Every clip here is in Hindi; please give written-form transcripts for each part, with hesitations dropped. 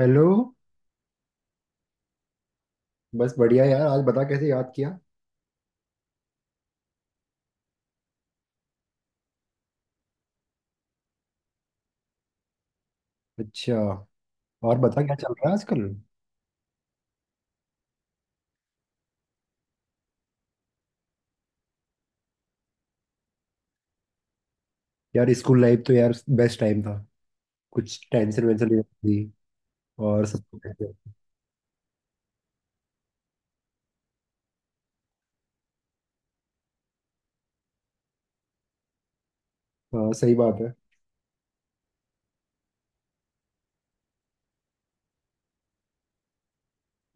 हेलो। बस बढ़िया यार। आज बता, कैसे याद किया? अच्छा। और बता, क्या चल रहा है आजकल? यार स्कूल लाइफ तो यार बेस्ट टाइम था। कुछ टेंशन वेंशन नहीं थी और सब कुछ ऐसे। हाँ सही बात है।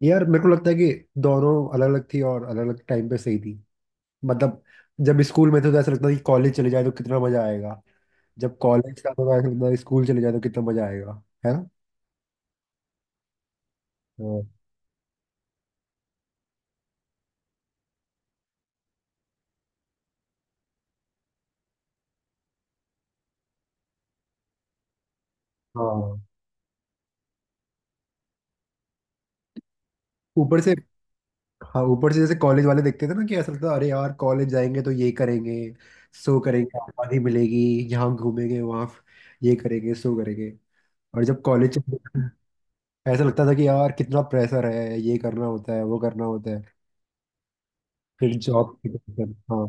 यार मेरे को लगता है कि दोनों अलग अलग थी और अलग अलग टाइम पे सही थी। मतलब जब स्कूल में थे तो ऐसा लगता था कि कॉलेज चले जाए तो कितना मजा आएगा। जब कॉलेज का तो ऐसा लगता था स्कूल चले जाए तो कितना मजा आएगा। है ना। हाँ हाँ। ऊपर से हाँ, ऊपर से जैसे कॉलेज वाले देखते थे ना कि ऐसा लगता था अरे यार कॉलेज जाएंगे तो ये करेंगे, सो करेंगे, आबादी मिलेगी, यहाँ घूमेंगे वहाँ, ये करेंगे सो करेंगे। और जब कॉलेज, ऐसा लगता था कि यार कितना प्रेशर है, ये करना होता है वो करना होता है। फिर जॉब की टेंशन। हाँ,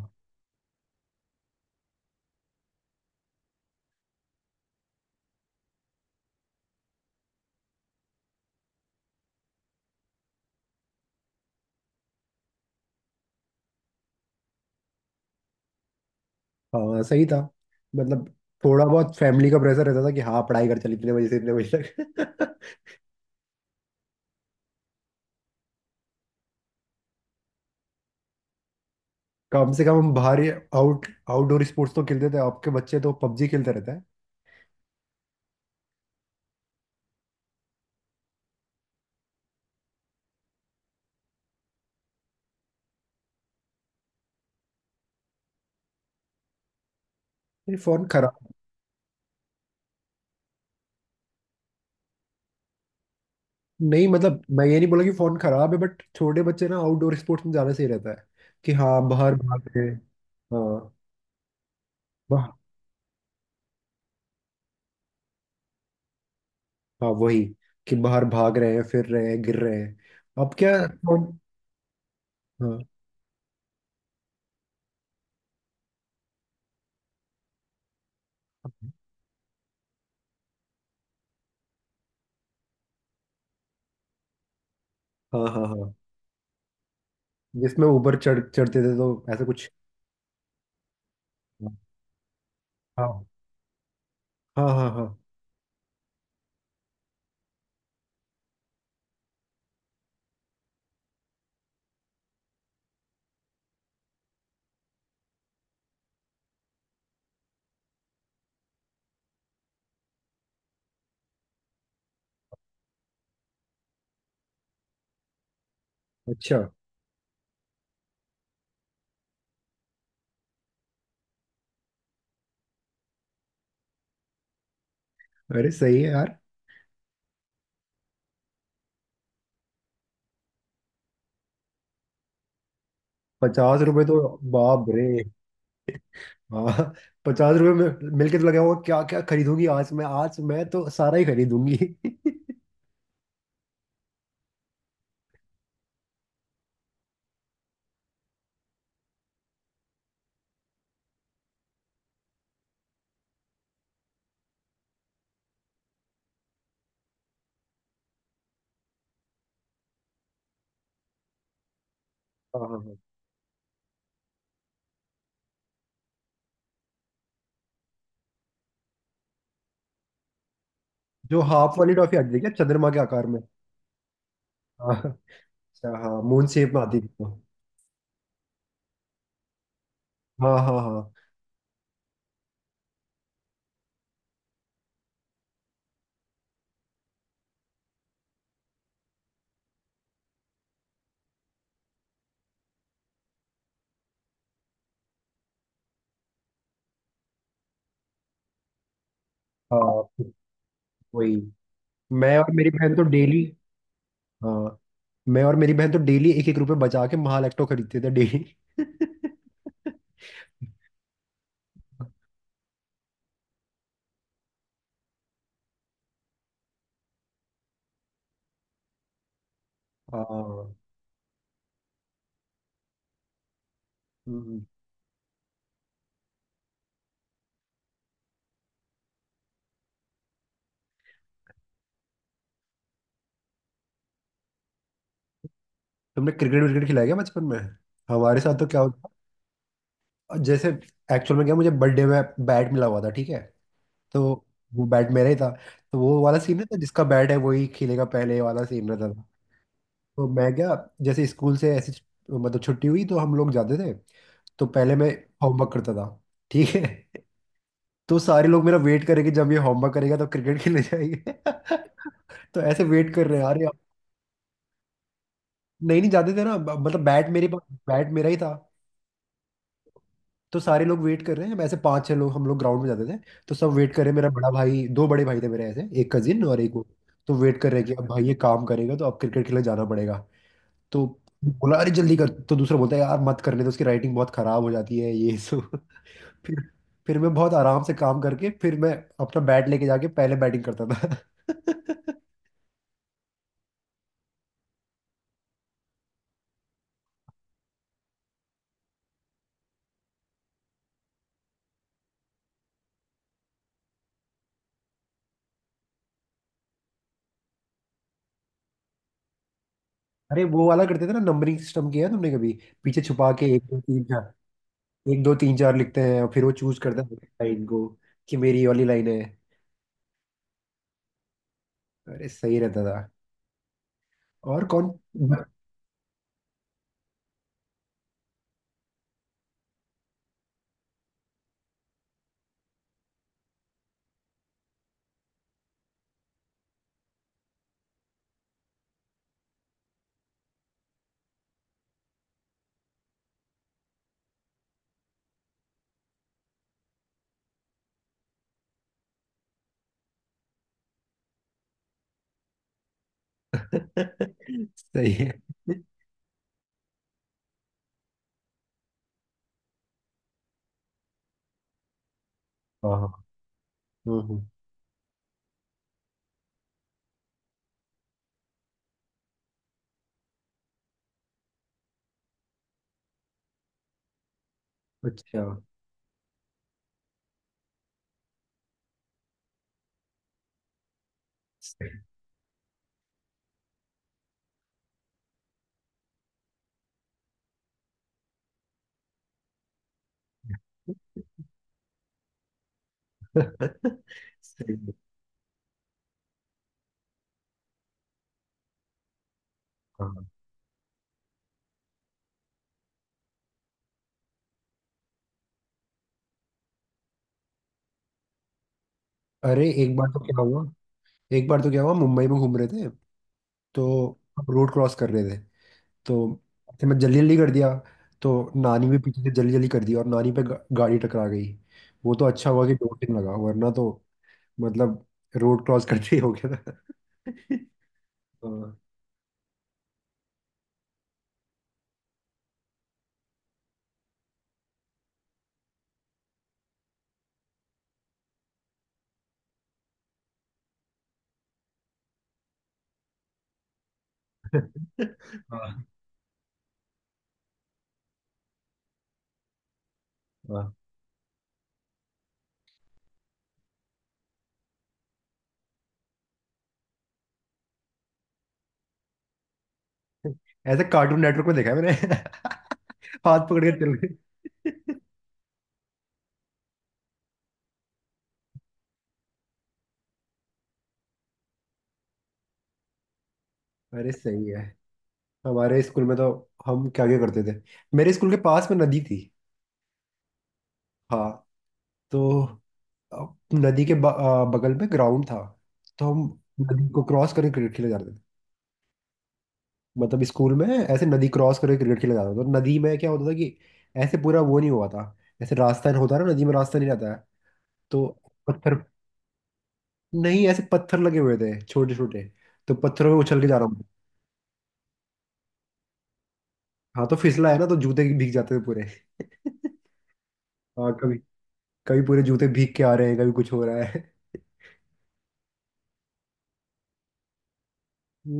हाँ सही था। मतलब थोड़ा बहुत फैमिली का प्रेशर रहता था कि हाँ पढ़ाई कर, चल इतने बजे से इतने बजे तक। कम से कम हम बाहर आउटडोर स्पोर्ट्स तो खेलते थे। आपके बच्चे तो पबजी खेलते रहते हैं। ये फोन खराब। नहीं, मतलब मैं ये नहीं बोला कि फोन खराब है, बट छोटे बच्चे ना आउटडोर स्पोर्ट्स में ज्यादा सही रहता है। कि हाँ बाहर भाग रहे हैं। हाँ। वाह। हाँ वही, कि बाहर भाग रहे हैं, फिर रहे हैं, गिर रहे हैं। अब क्या। फोन। हाँ। हाँ हाँ हाँ। जिसमें ऊपर चढ़ते थे तो ऐसा कुछ। हाँ हाँ हाँ हाँ। अच्छा। अरे सही है यार। पचास रुपए तो। बाप रे। हाँ, पचास रुपए में मिलके तो लगा होगा क्या क्या खरीदूंगी आज, मैं आज मैं तो सारा ही खरीदूंगी। हाँ हाँ। जो हाफ वाली टॉफी आती थी क्या, चंद्रमा के आकार में? हाँ। अच्छा हाँ, मून शेप में आती थी वो। हाँ हाँ हाँ। हाँ वही। मैं और मेरी बहन तो डेली। हाँ, मैं और मेरी बहन तो डेली एक एक रुपए बचा के महालैक्टो खरीदते थे डेली। हाँ। हम्म। तुमने क्रिकेट विकेट खिलाया क्या बचपन में? हमारे साथ तो क्या होता, जैसे एक्चुअल में क्या, मुझे बर्थडे में बैट मिला हुआ था, ठीक है? तो वो बैट मेरा ही था। तो वो वाला सीन रहता, जिसका बैट है वही खेलेगा पहले, वाला सीन रहता था। तो मैं क्या, जैसे स्कूल से ऐसी मतलब छुट्टी हुई तो हम लोग जाते थे। तो पहले मैं होमवर्क करता था, ठीक है। तो सारे लोग मेरा वेट करेंगे, जब ये होमवर्क करेगा तो क्रिकेट खेलने जाएंगे। तो ऐसे वेट कर रहे हैं, अरे नहीं नहीं जाते थे ना, मतलब बैट मेरे पास, बैट मेरा ही था। तो सारे लोग वेट कर रहे हैं। हम ऐसे पांच छह लोग हम लोग ग्राउंड में जाते थे। तो सब वेट कर रहे हैं। मेरा बड़ा भाई, दो बड़े भाई थे मेरे, ऐसे एक कजिन और एक वो। तो वेट कर रहे हैं कि अब भाई ये काम करेगा तो अब क्रिकेट खेलने जाना पड़ेगा। तो बोला अरे जल्दी कर, तो दूसरा बोलता है यार मत करने तो उसकी राइटिंग बहुत खराब हो जाती है ये सो। फिर फिर मैं बहुत आराम से काम करके फिर मैं अपना बैट लेके जाके पहले बैटिंग करता था। अरे वो वाला करते थे ना, नंबरिंग सिस्टम? किया है तुमने कभी? पीछे छुपा के एक दो तीन चार, एक दो तीन चार लिखते हैं और फिर वो चूज करता है लाइन को, कि मेरी ये वाली लाइन है। अरे सही रहता था। और कौन। सही है। हाँ। हाँ, हम्म, हम्म, अच्छा। सही। सही, हाँ। अरे एक बार तो क्या हुआ एक बार तो क्या हुआ, मुंबई में घूम रहे थे। तो हम रोड क्रॉस कर रहे थे। तो ऐसे मैं जल्दी जल्दी कर दिया। तो नानी भी पीछे से जल्दी जल्दी कर दी और नानी पे गाड़ी टकरा गई। वो तो अच्छा हुआ कि डोंट लगा वरना तो, मतलब रोड क्रॉस करते ही हो गया था। हाँ हाँ हाँ। ऐसे कार्टून नेटवर्क में देखा है मैंने। हाथ पकड़ के चल गए। अरे सही है। हमारे स्कूल में तो हम क्या क्या करते थे। मेरे स्कूल के पास में नदी थी। हाँ। तो अ, नदी के बगल में ग्राउंड था। तो हम नदी को क्रॉस करके क्रिकेट खेले जाते थे। मतलब स्कूल में ऐसे नदी क्रॉस करके क्रिकेट खेला जाता था। तो नदी में क्या होता था कि ऐसे पूरा वो नहीं हुआ था, ऐसे रास्ता होता है ना नदी में, रास्ता नहीं रहता है। तो पत्थर, नहीं ऐसे पत्थर लगे हुए थे छोटे छोटे। तो पत्थरों में उछल के जा रहा हूँ। हाँ तो फिसला है ना, तो जूते भीग जाते थे पूरे। हाँ कभी, कभी पूरे जूते भीग के आ रहे हैं, कभी कुछ हो रहा है।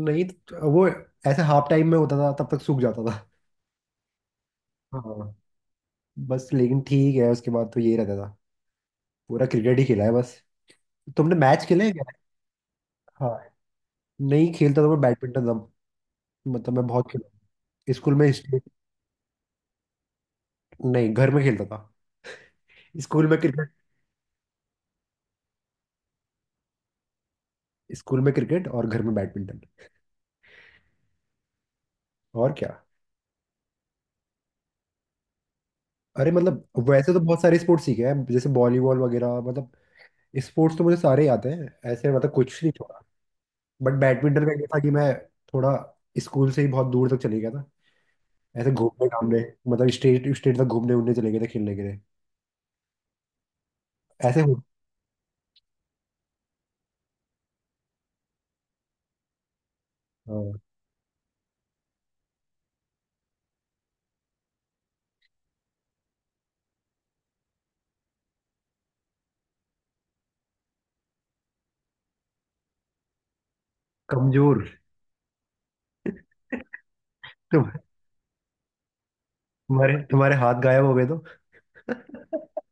नहीं वो ऐसे हाफ टाइम में होता था, तब तक सूख जाता था। हाँ। बस लेकिन ठीक है उसके बाद तो यही रहता था। पूरा क्रिकेट ही खेला है बस। तुमने मैच खेले हैं क्या? हाँ। नहीं खेलता था, मैं बैडमिंटन था। मतलब मैं बहुत खेला हूँ। स्कूल में स्टेट। नहीं, घर में खेलता था, स्कूल में क्रिकेट। स्कूल में क्रिकेट और घर में बैडमिंटन। और क्या। अरे मतलब वैसे तो बहुत सारे स्पोर्ट्स सीखे हैं जैसे वॉलीबॉल वगैरह। मतलब स्पोर्ट्स तो मुझे सारे ही आते हैं ऐसे, मतलब कुछ नहीं छोड़ा। बट बैडमिंटन में ये था कि मैं थोड़ा स्कूल से ही बहुत दूर तक चले गया था, ऐसे घूमने घामने। मतलब स्टेट स्टेट तक घूमने उड़ने चले गए थे खेलने के लिए। ऐसे हो। हाँ, कमजोर। तुम- तुम्हारे तुम्हारे हाथ गायब हो गए तो।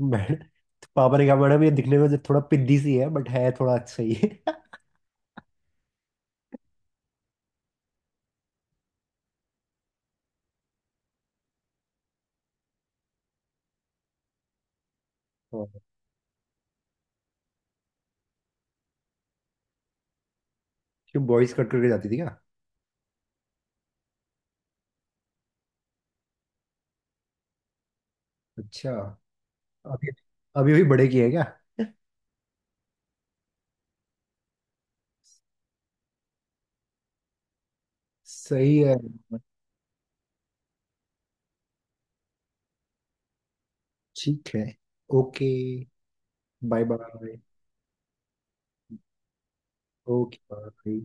मैडम तो पापा ने कहा मैडम ये दिखने में जो थोड़ा पिद्दी सी है बट है थोड़ा अच्छा ही है। हाँ। क्यों, बॉयज कट करके जाती थी क्या? अच्छा। अभी, अभी बड़े किए हैं क्या? सही है। ठीक है। Okay. Bye bye. Okay bye.